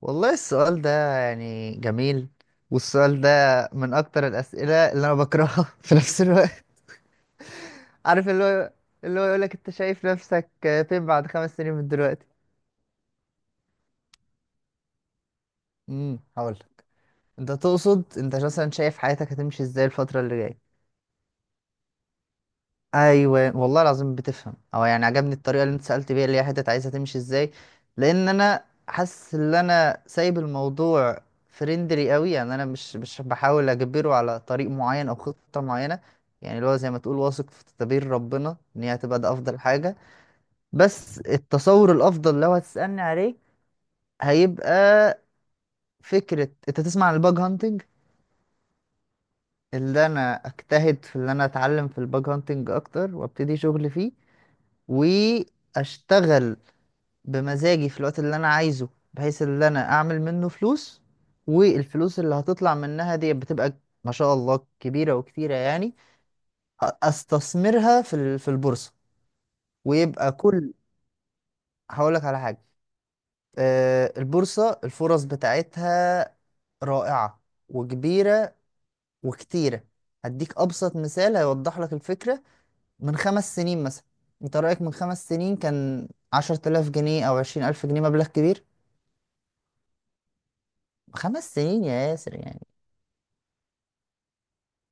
والله السؤال ده يعني جميل، والسؤال ده من اكتر الاسئله اللي انا بكرهها في نفس الوقت. عارف، اللي هو يقولك انت شايف نفسك فين بعد 5 سنين من دلوقتي. هقول، انت تقصد انت مثلا شايف حياتك هتمشي ازاي الفتره اللي جايه؟ ايوه والله العظيم بتفهم، او يعني عجبني الطريقه اللي انت سالت بيها اللي هي حته عايزها تمشي ازاي. لان انا حاسس ان انا سايب الموضوع فريندلي قوي، يعني انا مش بحاول اجبره على طريق معين او خطه معينه. يعني اللي هو زي ما تقول، واثق في تدبير ربنا، ان هي هتبقى ده افضل حاجه. بس التصور الافضل لو هتسالني عليه هيبقى فكره، انت تسمع عن الباج هانتنج؟ اللي انا اجتهد في ان انا اتعلم في الباج هانتنج اكتر، وابتدي شغل فيه، و اشتغل بمزاجي في الوقت اللي انا عايزه، بحيث ان انا اعمل منه فلوس. والفلوس اللي هتطلع منها دي بتبقى ما شاء الله كبيرة وكتيرة يعني. استثمرها في البورصة، ويبقى كل... هقولك على حاجة. آه، البورصة الفرص بتاعتها رائعة وكبيرة وكتيرة. هديك أبسط مثال هيوضح لك الفكرة. من خمس سنين مثلا، أنت رأيك من خمس سنين كان 10,000 جنيه أو 20,000 جنيه مبلغ كبير؟ خمس سنين يا ياسر يعني.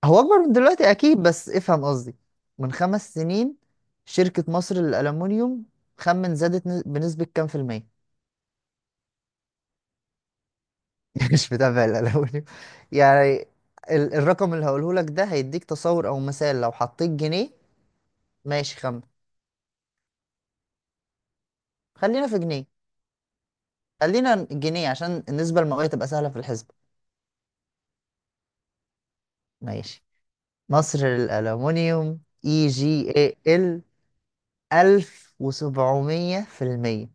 هو اكبر من دلوقتي اكيد، بس افهم قصدي. من خمس سنين، شركة مصر للألمنيوم، خمن زادت بنسبة كام في المية؟ مش متابع الألمنيوم يعني. الرقم اللي هقوله لك ده هيديك تصور او مثال، لو حطيت جنيه. ماشي. خمن. خلينا في جنيه، خلينا جنيه عشان النسبة المئوية تبقى سهلة في الحسبة. ماشي. مصر للألمنيوم، EGAL، 1700%.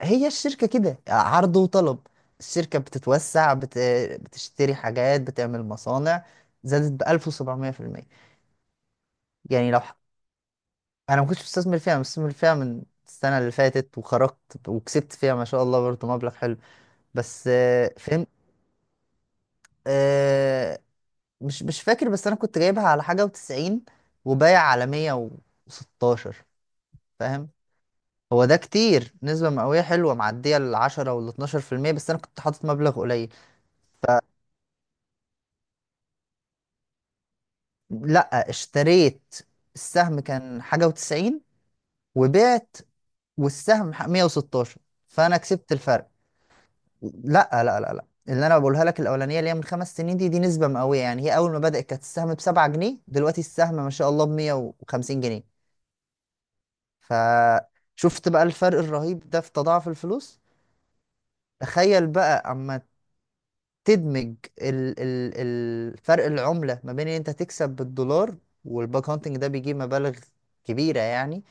هي الشركة كده عرض وطلب، الشركة بتتوسع، بتشتري حاجات، بتعمل مصانع، زادت ب 1700%. يعني أنا ما كنتش مستثمر فيها، أنا مستثمر فيها من السنة اللي فاتت وخرجت وكسبت فيها ما شاء الله برضه مبلغ حلو. بس آه، فهمت. آه، مش فاكر، بس أنا كنت جايبها على حاجة وتسعين وبايع على مية وستاشر. فاهم. هو ده كتير، نسبة مئوية حلوة معدية العشرة والاتناشر في المية، بس أنا كنت حاطط مبلغ قليل. لا، اشتريت. السهم كان حاجة وتسعين وبعت والسهم 116. فأنا كسبت الفرق. لا لا لا لا، اللي أنا بقولها لك الأولانية اللي هي من خمس سنين دي نسبة مئوية. يعني هي أول ما بدأت كانت السهم بسبعة جنيه، دلوقتي السهم ما شاء الله بمية وخمسين جنيه. فشفت بقى الفرق الرهيب ده في تضاعف الفلوس. تخيل بقى أما تدمج ال الفرق العملة ما بين إن أنت تكسب بالدولار، والباك هانتنج ده بيجيب مبالغ كبيرة يعني.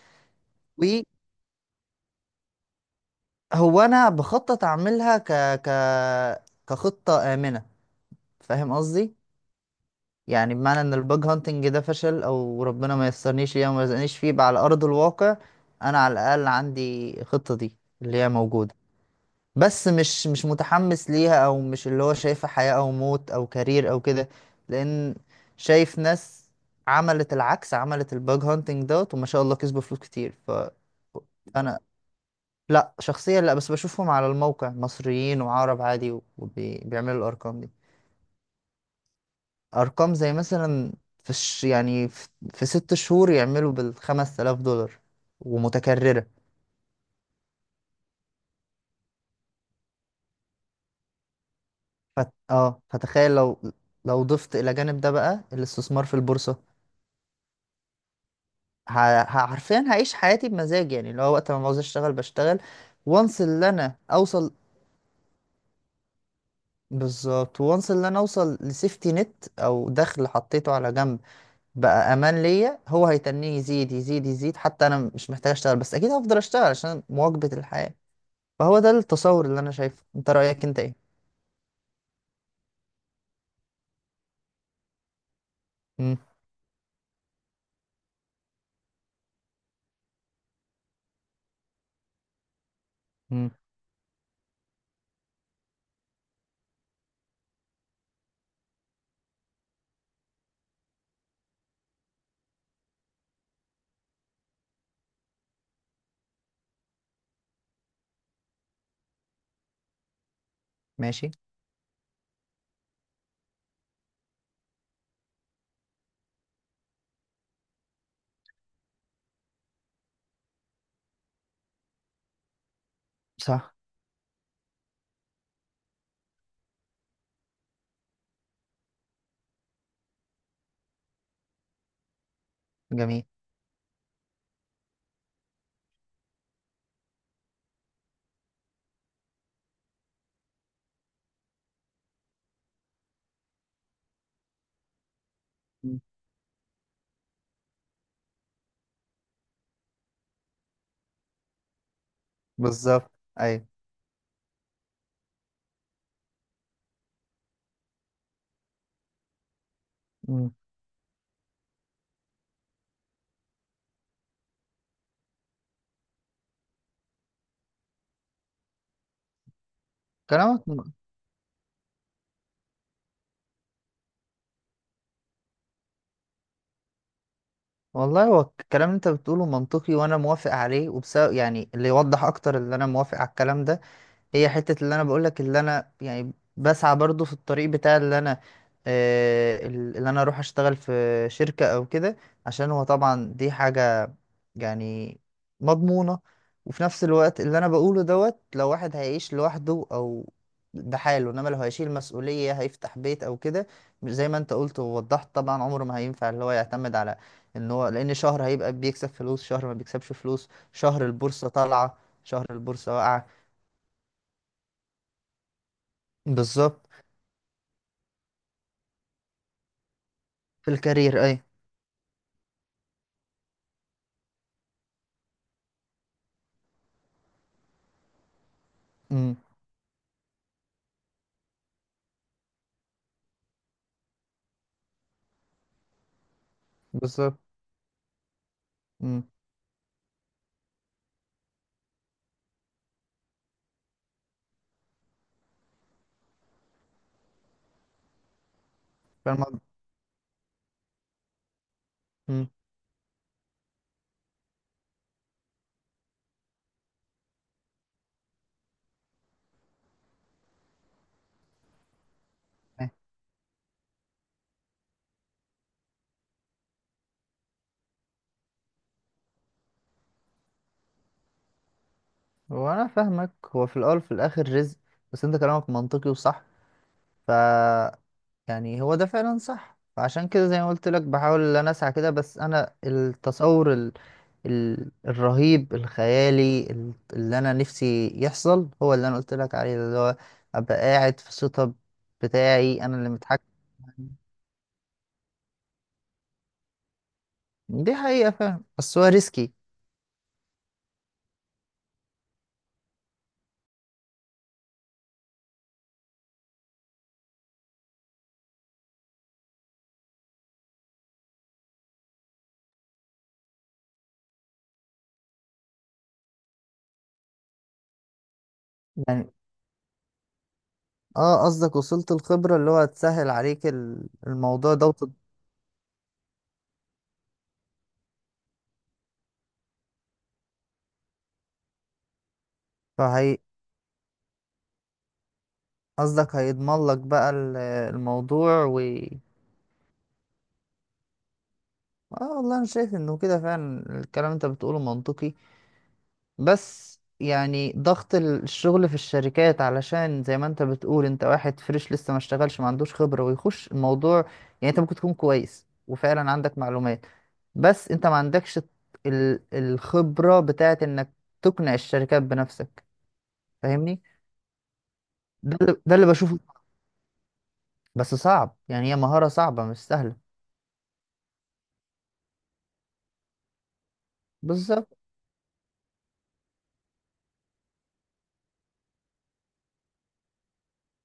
هو انا بخطط اعملها ك ك كخطه امنه. فاهم قصدي؟ يعني بمعنى ان الباج هانتنج ده فشل او ربنا ما يسرنيش ليه وما يرزقنيش فيه بقى على ارض الواقع، انا على الاقل عندي الخطه دي اللي هي موجوده. بس مش متحمس ليها، او مش اللي هو شايفها حياه او موت او كارير او كده. لان شايف ناس عملت العكس، عملت الباج هانتنج دوت، وما شاء الله كسبوا فلوس كتير. ف... انا، لا شخصيا لا، بس بشوفهم على الموقع مصريين وعرب عادي، وبيعملوا الارقام دي. ارقام زي مثلا في الش... يعني في... في 6 شهور يعملوا بالخمس آلاف دولار ومتكررة. فت... اه فتخيل لو ضفت الى جانب ده بقى الاستثمار في البورصة. ه... حرفيا هعيش حياتي بمزاج، يعني اللي هو وقت ما عاوز اشتغل بشتغل، وانس اللي انا اوصل. بالظبط، وانس اللي انا اوصل لسيفتي نت او دخل حطيته على جنب، بقى امان ليا، هو هيتنيه يزيد يزيد يزيد، حتى انا مش محتاج اشتغل، بس اكيد هفضل اشتغل عشان مواكبة الحياة. فهو ده التصور اللي انا شايفه، انت رأيك انت ايه؟ امم. امم. ماشي. صح. جميل. مم. بالظبط. ايوه. مم. كلامك م- والله هو الكلام اللي انت بتقوله منطقي، وانا موافق عليه، وبسبب يعني اللي يوضح اكتر اللي انا موافق على الكلام ده، هي حتة اللي انا بقولك اللي انا يعني بسعى برضو في الطريق بتاع اللي انا، آه، اللي انا اروح اشتغل في شركة او كده، عشان هو طبعا دي حاجة يعني مضمونة. وفي نفس الوقت اللي انا بقوله دوت، لو واحد هيعيش لوحده او بحاله، انما لو هيشيل مسؤولية، هيفتح بيت او كده، مش زي ما انت قلت ووضحت، طبعا عمره ما هينفع اللي هو يعتمد على ان هو، لان شهر هيبقى بيكسب فلوس، شهر ما بيكسبش فلوس، شهر البورصة طالعة، شهر البورصة واقعة. بالظبط. في الكارير اي. امم. بالظبط. امم. فالموضوع. امم. هو انا فاهمك، هو في الاول وفي الاخر رزق، بس انت كلامك منطقي وصح. ف... يعني هو ده فعلا صح، فعشان كده زي ما قلت لك بحاول ان انا اسعى كده، بس انا التصور الرهيب الخيالي اللي انا نفسي يحصل هو اللي انا قلت لك عليه، اللي هو ابقى قاعد في السيت اب بتاعي، انا اللي متحكم. دي حقيقة فعلا، بس هو ريسكي. يعني. اه، قصدك وصلت الخبرة اللي هو هتسهل عليك الموضوع ده فهي، قصدك هيضمن لك بقى الموضوع و... اه والله، انا شايف انه كده فعلا الكلام اللي انت بتقوله منطقي. بس يعني ضغط الشغل في الشركات، علشان زي ما انت بتقول، انت واحد فريش لسه ما اشتغلش، ما عندوش خبرة، ويخش الموضوع. يعني انت ممكن تكون كويس وفعلا عندك معلومات، بس انت ما عندكش الخبرة بتاعت انك تقنع الشركات بنفسك. فاهمني؟ ده اللي بشوفه. بس صعب يعني، هي مهارة صعبة مش سهلة. بالظبط.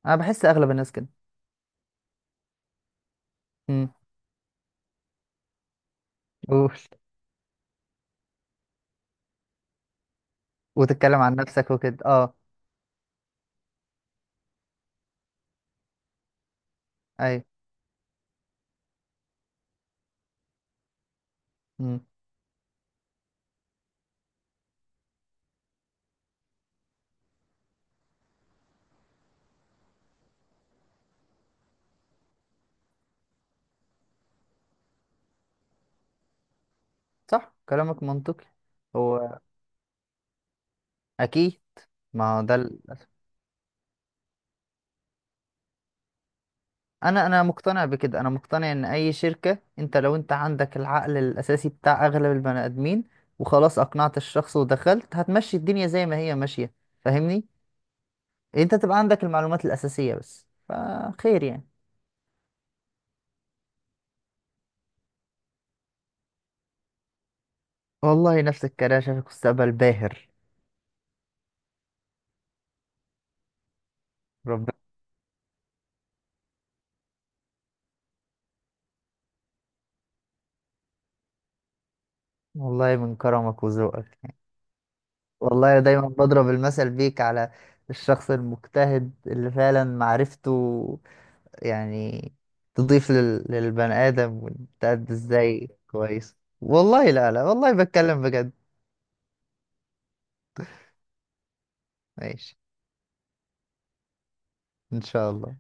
انا بحس اغلب الناس كده. امم. قول. وتتكلم عن نفسك وكده، اه. اي. امم. صح كلامك منطقي. هو اكيد. ما هو ده انا مقتنع بكده، انا مقتنع ان اي شركة انت لو انت عندك العقل الاساسي بتاع اغلب البني ادمين، وخلاص اقنعت الشخص ودخلت، هتمشي الدنيا زي ما هي ماشية. فاهمني؟ انت تبقى عندك المعلومات الاساسية بس، فخير يعني. والله نفس الكلام، شايفك مستقبل باهر. ربنا. والله من كرمك وذوقك يعني. والله دايما بضرب المثل بيك على الشخص المجتهد اللي فعلا معرفته يعني تضيف للبني آدم، وتأدي ازاي كويس. والله لا لا والله بتكلم بجد. ماشي ان شاء الله.